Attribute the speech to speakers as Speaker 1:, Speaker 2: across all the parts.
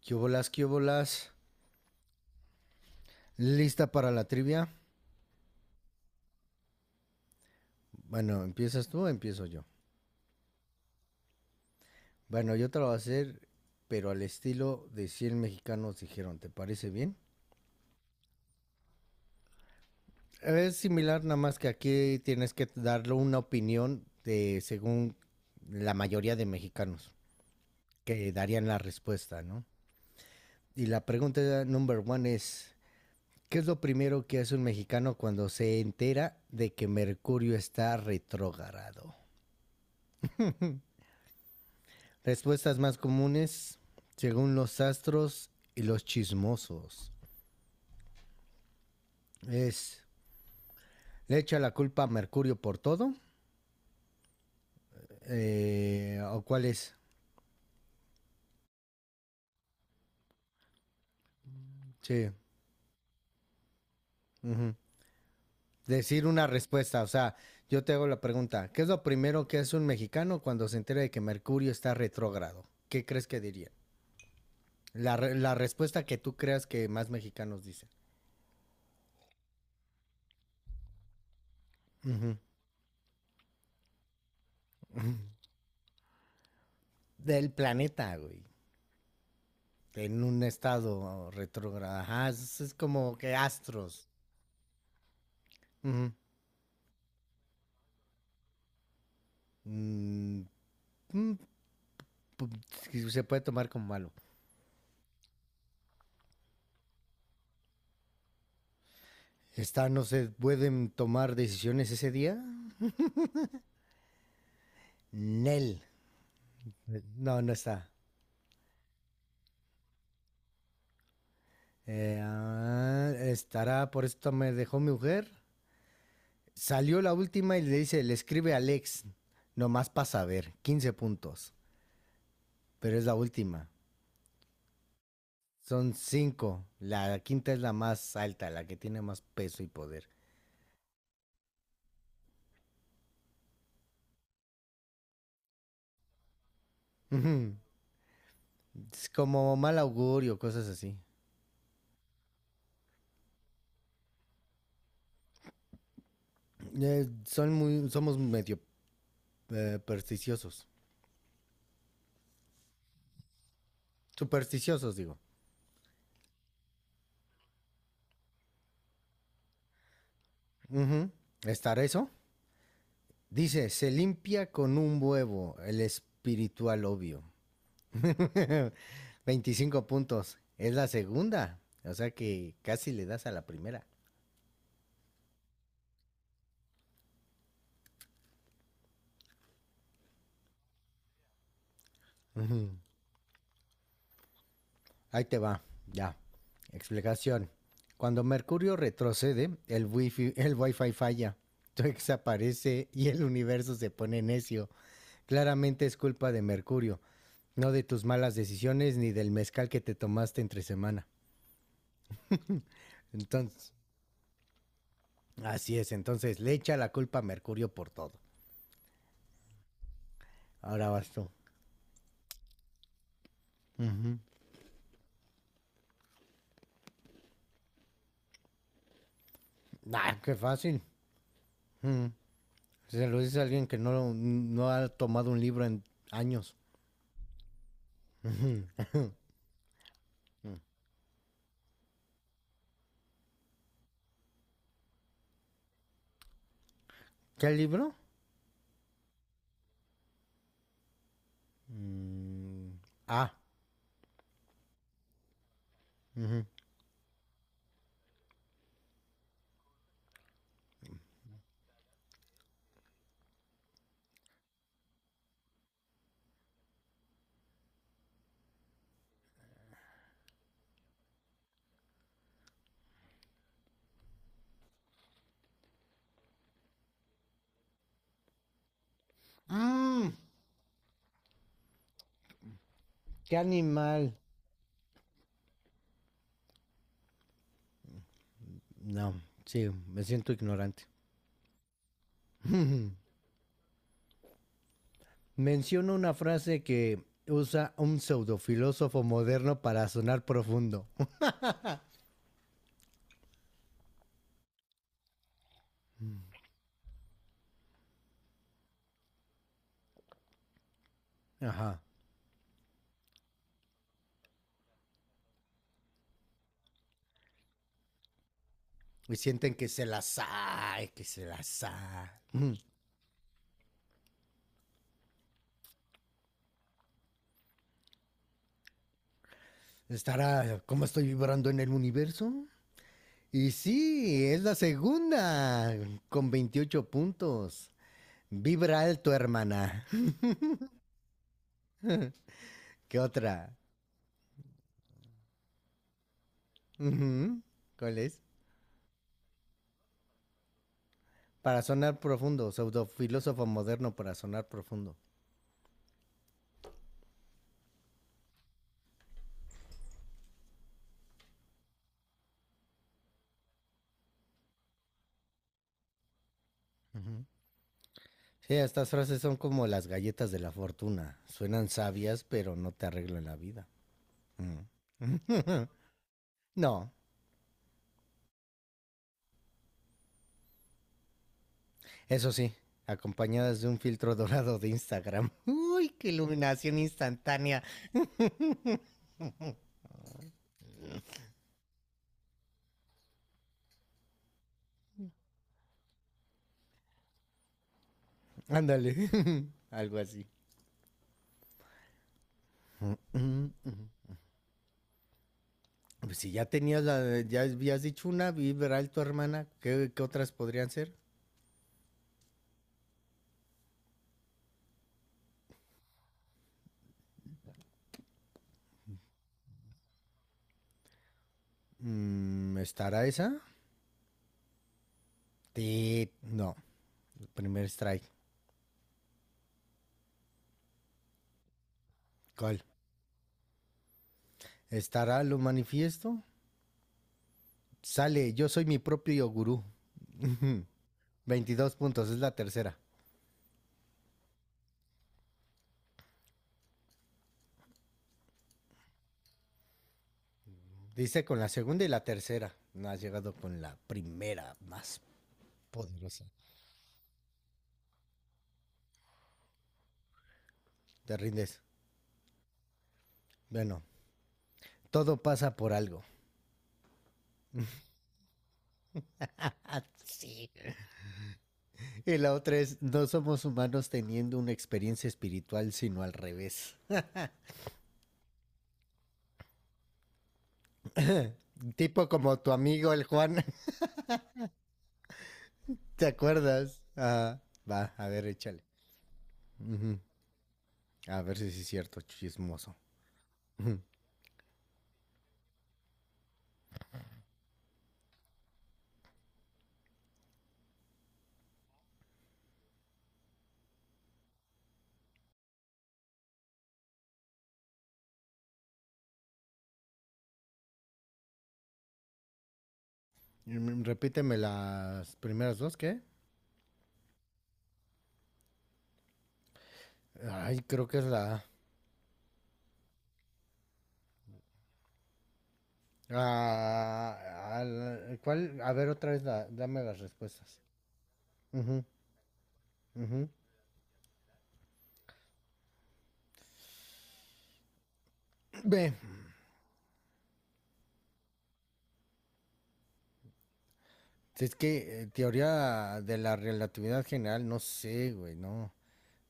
Speaker 1: ¿Qué bolas, qué bolas? ¿Lista para la trivia? Bueno, ¿empiezas tú o empiezo yo? Bueno, yo te lo voy a hacer, pero al estilo de 100 mexicanos dijeron, ¿te parece bien? Es similar, nada más que aquí tienes que darle una opinión de según la mayoría de mexicanos que darían la respuesta, ¿no? Y la pregunta number one es, ¿qué es lo primero que hace un mexicano cuando se entera de que Mercurio está retrógrado? Respuestas más comunes, según los astros y los chismosos, es, ¿le echa la culpa a Mercurio por todo? ¿O cuál es? Sí. Ujú. Decir una respuesta, o sea, yo te hago la pregunta, ¿qué es lo primero que hace un mexicano cuando se entera de que Mercurio está retrógrado? ¿Qué crees que diría? La respuesta que tú creas que más mexicanos dicen. Ujú. Del planeta, güey. En un estado retrógrado. Ajá, es como que astros. Ujú. mm, mm, Se puede tomar como malo. ¿Está, no se pueden tomar decisiones ese día? Nel. No, no está. Estará, por esto me dejó mi mujer. Salió la última y le dice, le escribe a Alex, nomás para saber, 15 puntos, pero es la última. Son cinco. La quinta es la más alta, la que tiene más peso y poder. Es como mal augurio, cosas así. Somos medio supersticiosos. Supersticiosos, digo. Ujú. ¿Estar eso? Dice, se limpia con un huevo, el espiritual obvio. 25 puntos. Es la segunda. O sea que casi le das a la primera. Ujú. Ahí te va. Ya. Explicación. Cuando Mercurio retrocede, el wifi falla. Twix aparece y el universo se pone necio. Claramente es culpa de Mercurio, no de tus malas decisiones ni del mezcal que te tomaste entre semana. Entonces, así es, entonces le echa la culpa a Mercurio por todo. Ahora vas tú. Ujú. Ah, qué fácil. Ujú. Se lo dice a alguien que no, no ha tomado un libro en años. ¿Qué libro? Mm, ah. Ujú. Mm, Qué animal. No, sí, me siento ignorante. Menciono una frase que usa un pseudofilósofo moderno para sonar profundo. Ajá. Y sienten que se las hay, que se las hay. Mm. Estará, ¿cómo estoy vibrando en el universo? Y sí, es la segunda, con 28 puntos. Vibra alto, hermana. ¿Qué otra? Ujú. ¿Cuál es? Para sonar profundo, pseudofilósofo moderno para sonar profundo. Ujú. Sí, estas frases son como las galletas de la fortuna. Suenan sabias, pero no te arreglan la vida. Mm. No, eso sí, acompañadas de un filtro dorado de Instagram. Uy, qué iluminación instantánea. Ándale, algo así. Pues si ya tenías la, ya habías dicho una, vibral tu hermana, ¿qué otras podrían ser? ¿Estará esa? No, primer strike. ¿Cuál? ¿Estará lo manifiesto? Sale, yo soy mi propio gurú. 22 puntos, es la tercera. Dice con la segunda y la tercera. No has llegado con la primera, más poderosa. Te rindes. Bueno, todo pasa por algo. Así. Y la otra es, no somos humanos teniendo una experiencia espiritual, sino al revés. Tipo como tu amigo el Juan, ¿te acuerdas? Ajá. Va, a ver, échale. Ujú. A ver si sí es cierto, chismoso. Ujú. Repíteme las primeras dos, ¿qué? Ay, creo que es la... Ah, ah, ¿cuál? A ver, otra vez, dame las respuestas. Ujú, ujú. Ve, si es que teoría de la relatividad general, no sé, güey, no.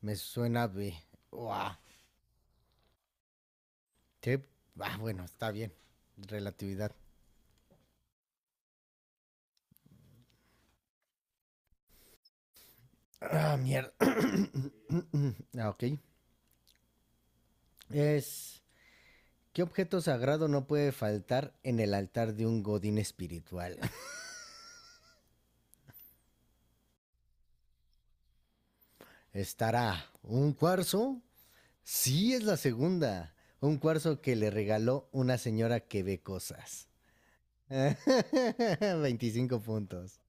Speaker 1: Me suena B. Uah. Qué, ah, bueno, está bien. Relatividad. Ah, mierda. Ah, ok. Es. ¿Qué objeto sagrado no puede faltar en el altar de un godín espiritual? Estará un cuarzo. Sí, es la segunda. Un cuarzo que le regaló una señora que ve cosas. 25 puntos.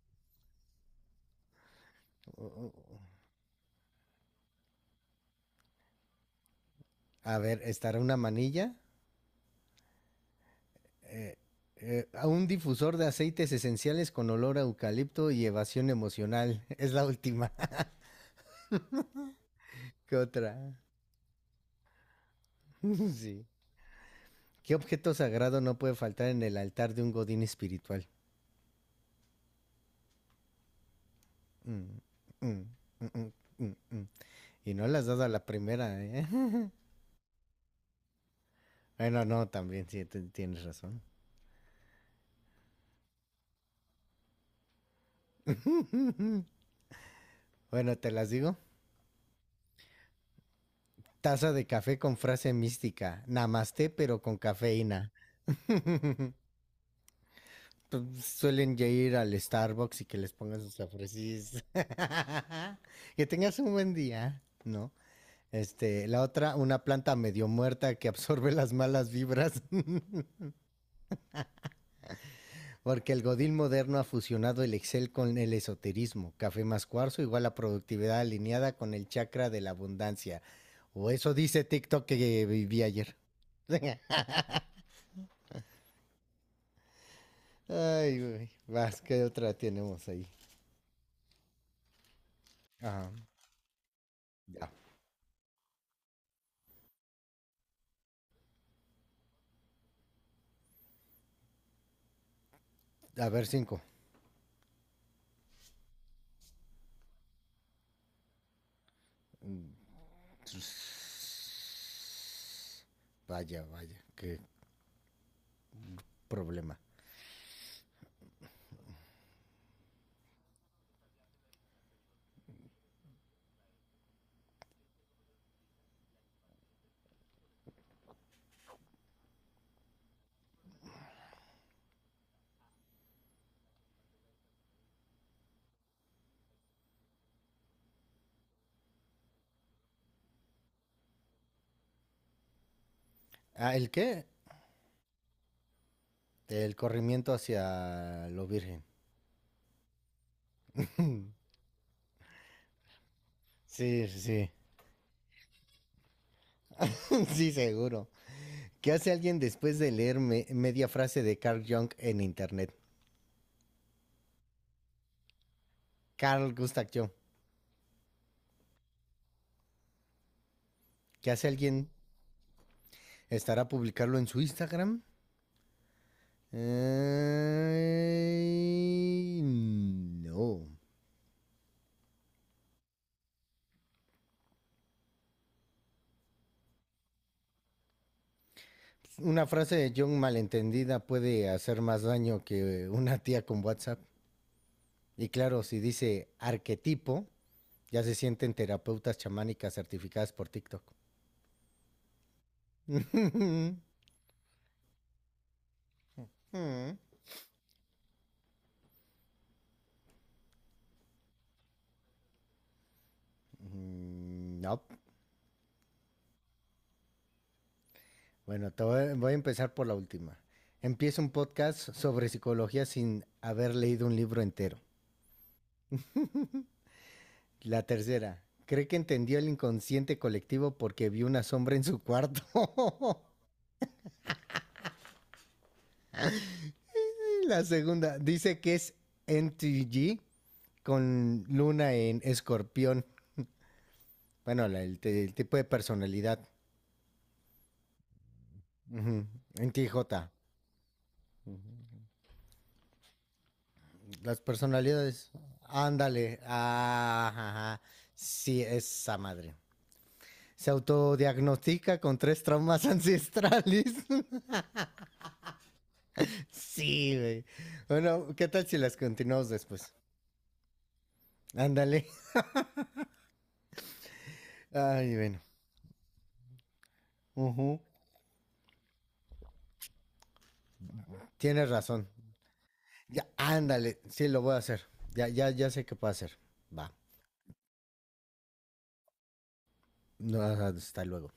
Speaker 1: A ver, estará una manilla, eh, a un difusor de aceites esenciales con olor a eucalipto y evasión emocional. Es la última. ¿Qué otra? Sí. ¿Qué objeto sagrado no puede faltar en el altar de un godín espiritual? Mm, mm, mm, mm, mm. Mm. Y no le has dado a la primera, ¿eh? Bueno, no, también, sí, tienes razón. Bueno, te las digo. Taza de café con frase mística. Namaste, pero con cafeína. Pues, suelen ya ir al Starbucks y que les pongan sus cafecitos que tengas un buen día, ¿no? Este, la otra, una planta medio muerta que absorbe las malas vibras, porque el godín moderno ha fusionado el Excel con el esoterismo. Café más cuarzo igual a productividad alineada con el chakra de la abundancia. O eso dice TikTok que viví ayer. Ay, güey. Vas, ¿qué otra tenemos ahí? Ajá. Ya. A ver, cinco. Vaya, vaya, qué problema. Ah, ¿el qué? El corrimiento hacia lo virgen. Sí, sí, sí, seguro. ¿Qué hace alguien después de leer media frase de Carl Jung en internet? Carl Gustav Jung. ¿Qué hace alguien? ¿Estará publicarlo en su Instagram? No. Una frase de Jung malentendida puede hacer más daño que una tía con WhatsApp. Y claro, si dice arquetipo, ya se sienten terapeutas chamánicas certificadas por TikTok. Mm, no. Bueno, voy a empezar por la última. Empiezo un podcast sobre psicología sin haber leído un libro entero. La tercera. Cree que entendió el inconsciente colectivo porque vio una sombra en su cuarto. La segunda. Dice que es NTG con luna en escorpión. Bueno, el tipo de personalidad. Ujú. En ti, Jota. Las personalidades. Ándale. Ah, ajá, sí, esa madre. Se autodiagnostica con tres traumas ancestrales. Sí, güey. Bueno, ¿qué tal si las continuamos después? Ándale. Ay, bueno. Ujú. Tienes razón. Ya, ándale. Sí, lo voy a hacer. Ya, ya, ya sé qué puedo hacer. Va. No, hasta luego.